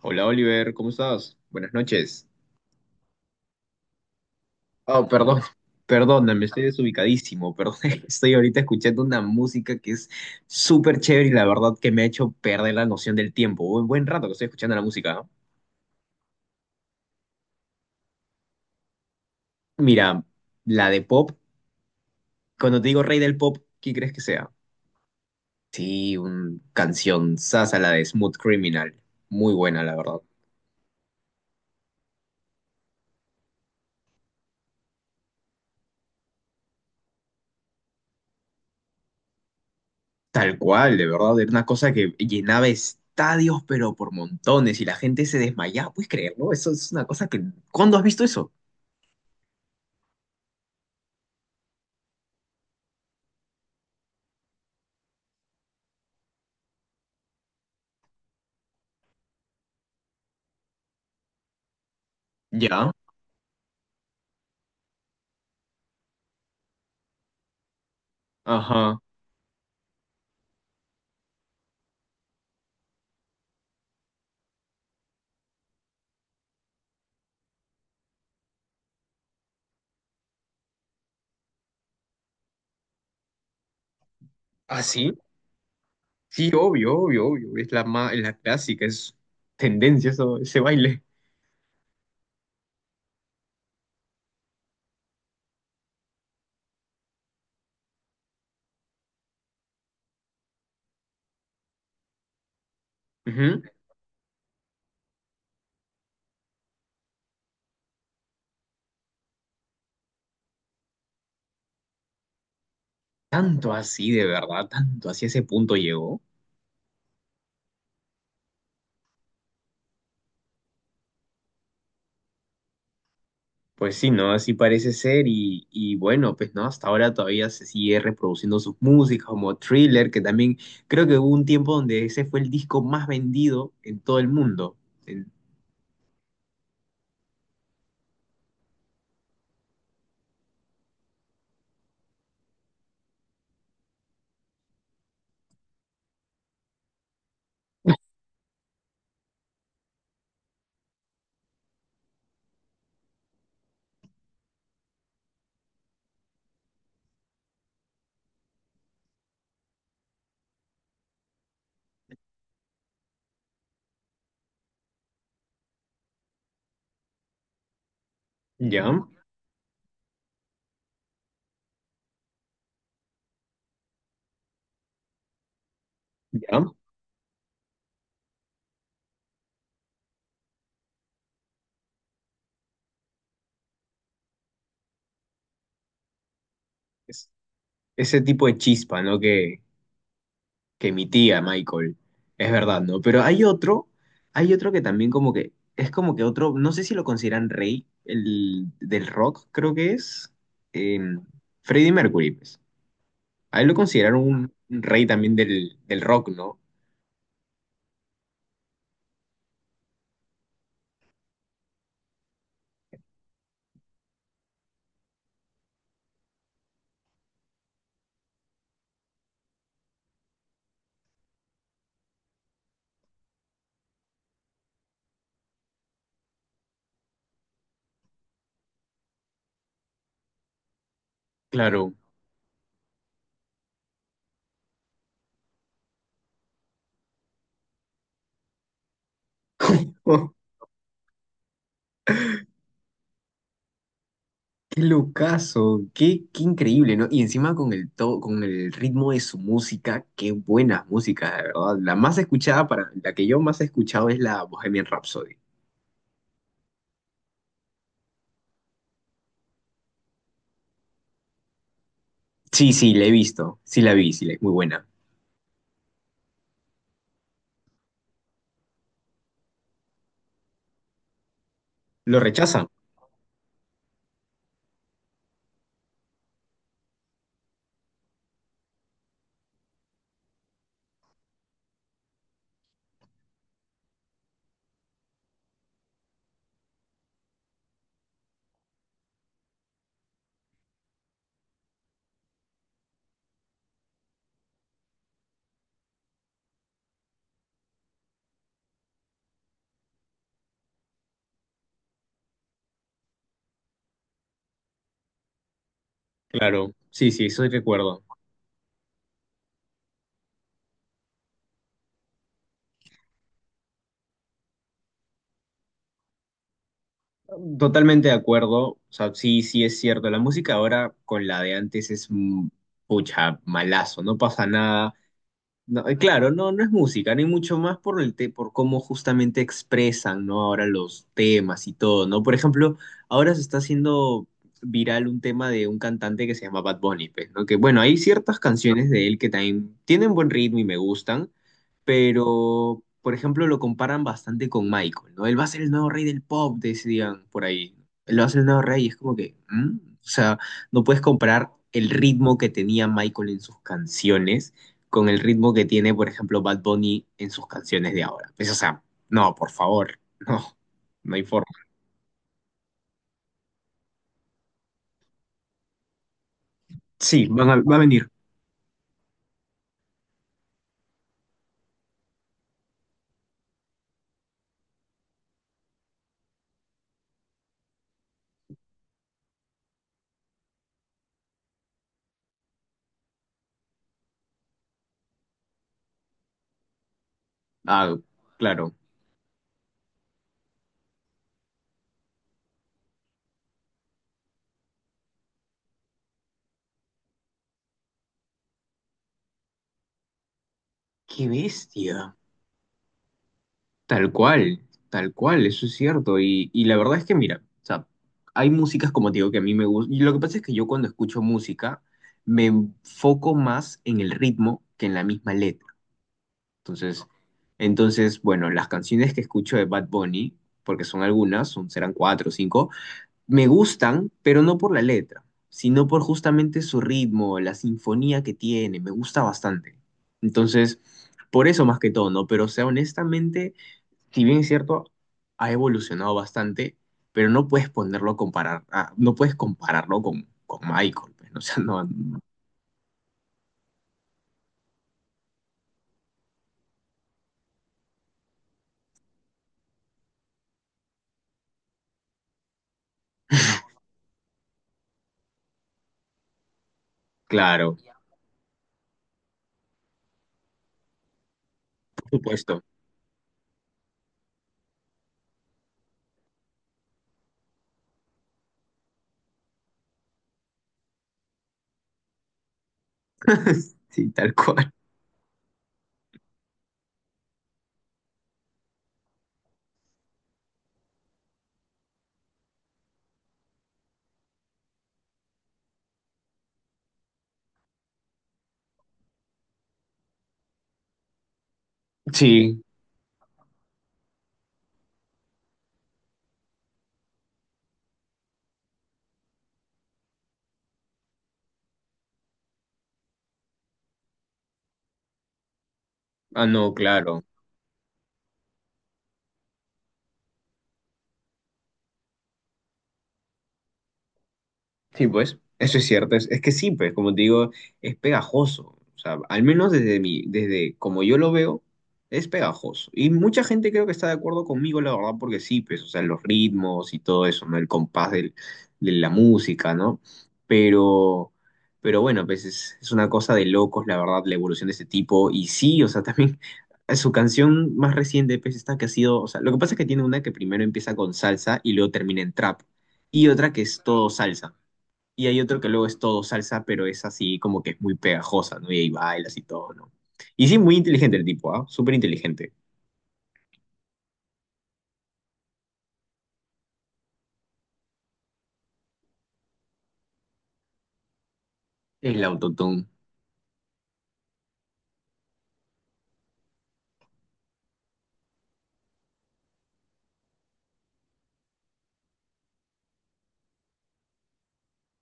Hola Oliver, ¿cómo estás? Buenas noches. Oh, perdón, perdona, me estoy desubicadísimo, perdón. Estoy ahorita escuchando una música que es súper chévere y la verdad que me ha hecho perder la noción del tiempo. Un buen rato que estoy escuchando la música, ¿no? Mira, la de pop, cuando te digo rey del pop, ¿qué crees que sea? Sí, una canción sasa, la de Smooth Criminal. Muy buena, la verdad. Tal cual, de verdad, era una cosa que llenaba estadios, pero por montones, y la gente se desmayaba, ¿puedes creerlo? Eso es una cosa que... ¿Cuándo has visto eso? Ya, ajá. ¿Ah, sí? Sí, obvio, obvio, obvio. Es la clásica, es tendencia eso, ese baile. Ujú. Tanto así, de verdad, tanto así a ese punto llegó. Pues sí, ¿no? Así parece ser y, bueno, pues no, hasta ahora todavía se sigue reproduciendo sus músicas como Thriller, que también creo que hubo un tiempo donde ese fue el disco más vendido en todo el mundo. En- ¿Ya? ¿Ya? Es- ese tipo de chispa, ¿no? Que emitía Michael, es verdad, ¿no? Pero hay otro que también como que, es como que otro, no sé si lo consideran rey, el del rock creo que es, em, Freddie Mercury, pues. A él lo consideraron un rey también del, del rock, ¿no? Claro. Oh, qué locazo, qué, qué increíble, ¿no? Y encima con el to- con el ritmo de su música, qué buena música, de verdad. La más escuchada para, la que yo más he escuchado es la Bohemian Rhapsody. Sí, sí, la he visto, sí la vi, sí, la, muy buena. ¿Lo rechazan? Claro, sí, sí, eso sí recuerdo. Totalmente de acuerdo, o sea, sí, sí es cierto, la música ahora con la de antes es, pucha, malazo, no pasa nada. No, claro, no, no es música, ni mucho más por el te- por cómo justamente expresan, ¿no? Ahora los temas y todo, ¿no? Por ejemplo, ahora se está haciendo viral un tema de un cantante que se llama Bad Bunny, pues, ¿no? Que bueno, hay ciertas canciones de él que también tienen buen ritmo y me gustan, pero por ejemplo lo comparan bastante con Michael, ¿no? Él va a ser el nuevo rey del pop, decían por ahí. Él va a ser el nuevo rey y es como que, ¿mm? O sea, no puedes comparar el ritmo que tenía Michael en sus canciones con el ritmo que tiene, por ejemplo, Bad Bunny en sus canciones de ahora. Pues, o sea, no, por favor, no, no hay forma. Sí, van a- va a venir. Ah, claro. Qué bestia. Tal cual, tal cual, eso es cierto. Y la verdad es que, mira, o sea, hay músicas como te digo que a mí me gustan. Y lo que pasa es que yo cuando escucho música me enfoco más en el ritmo que en la misma letra. Entonces, entonces, bueno, las canciones que escucho de Bad Bunny, porque son algunas, son, serán cuatro o cinco, me gustan, pero no por la letra, sino por justamente su ritmo, la sinfonía que tiene, me gusta bastante. Entonces, por eso más que todo, ¿no? Pero, o sea, honestamente si bien es cierto, ha evolucionado bastante, pero no puedes ponerlo a comparar, ah, no puedes compararlo con Michael, pues, ¿no? O sea, no, no, claro, por supuesto. Sí, tal cual. Sí, ah, no, claro. Sí, pues, eso es cierto. Es que sí, pues, como te digo, es pegajoso. O sea, al menos desde mi, desde como yo lo veo, es pegajoso. Y mucha gente creo que está de acuerdo conmigo, la verdad, porque sí, pues, o sea, los ritmos y todo eso, ¿no? El compás del- de la música, ¿no? Pero, pero bueno, pues es una cosa de locos, la verdad, la evolución de este tipo. Y sí, o sea, también su canción más reciente, pues, esta que ha sido, o sea, lo que pasa es que tiene una que primero empieza con salsa y luego termina en trap. Y otra que es todo salsa. Y hay otro que luego es todo salsa, pero es así como que es muy pegajosa, ¿no? Y ahí bailas y todo, ¿no? Y sí, muy inteligente el tipo, ¿ah? Súper inteligente. El autotune.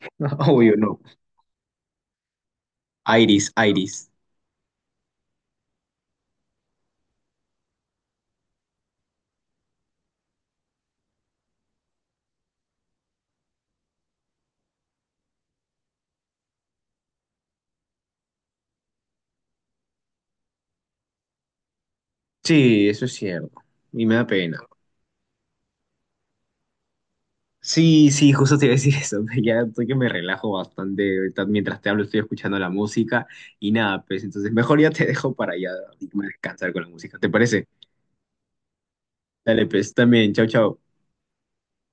Obvio, no. Iris, Iris. Sí, eso es cierto. Y me da pena. Sí, sí, justo te iba a decir eso. Ya estoy que me relajo bastante ahorita. Mientras te hablo, estoy escuchando la música y nada, pues entonces mejor ya te dejo para ya irme a descansar con la música. ¿Te parece? Dale, pues también. Chau, chau.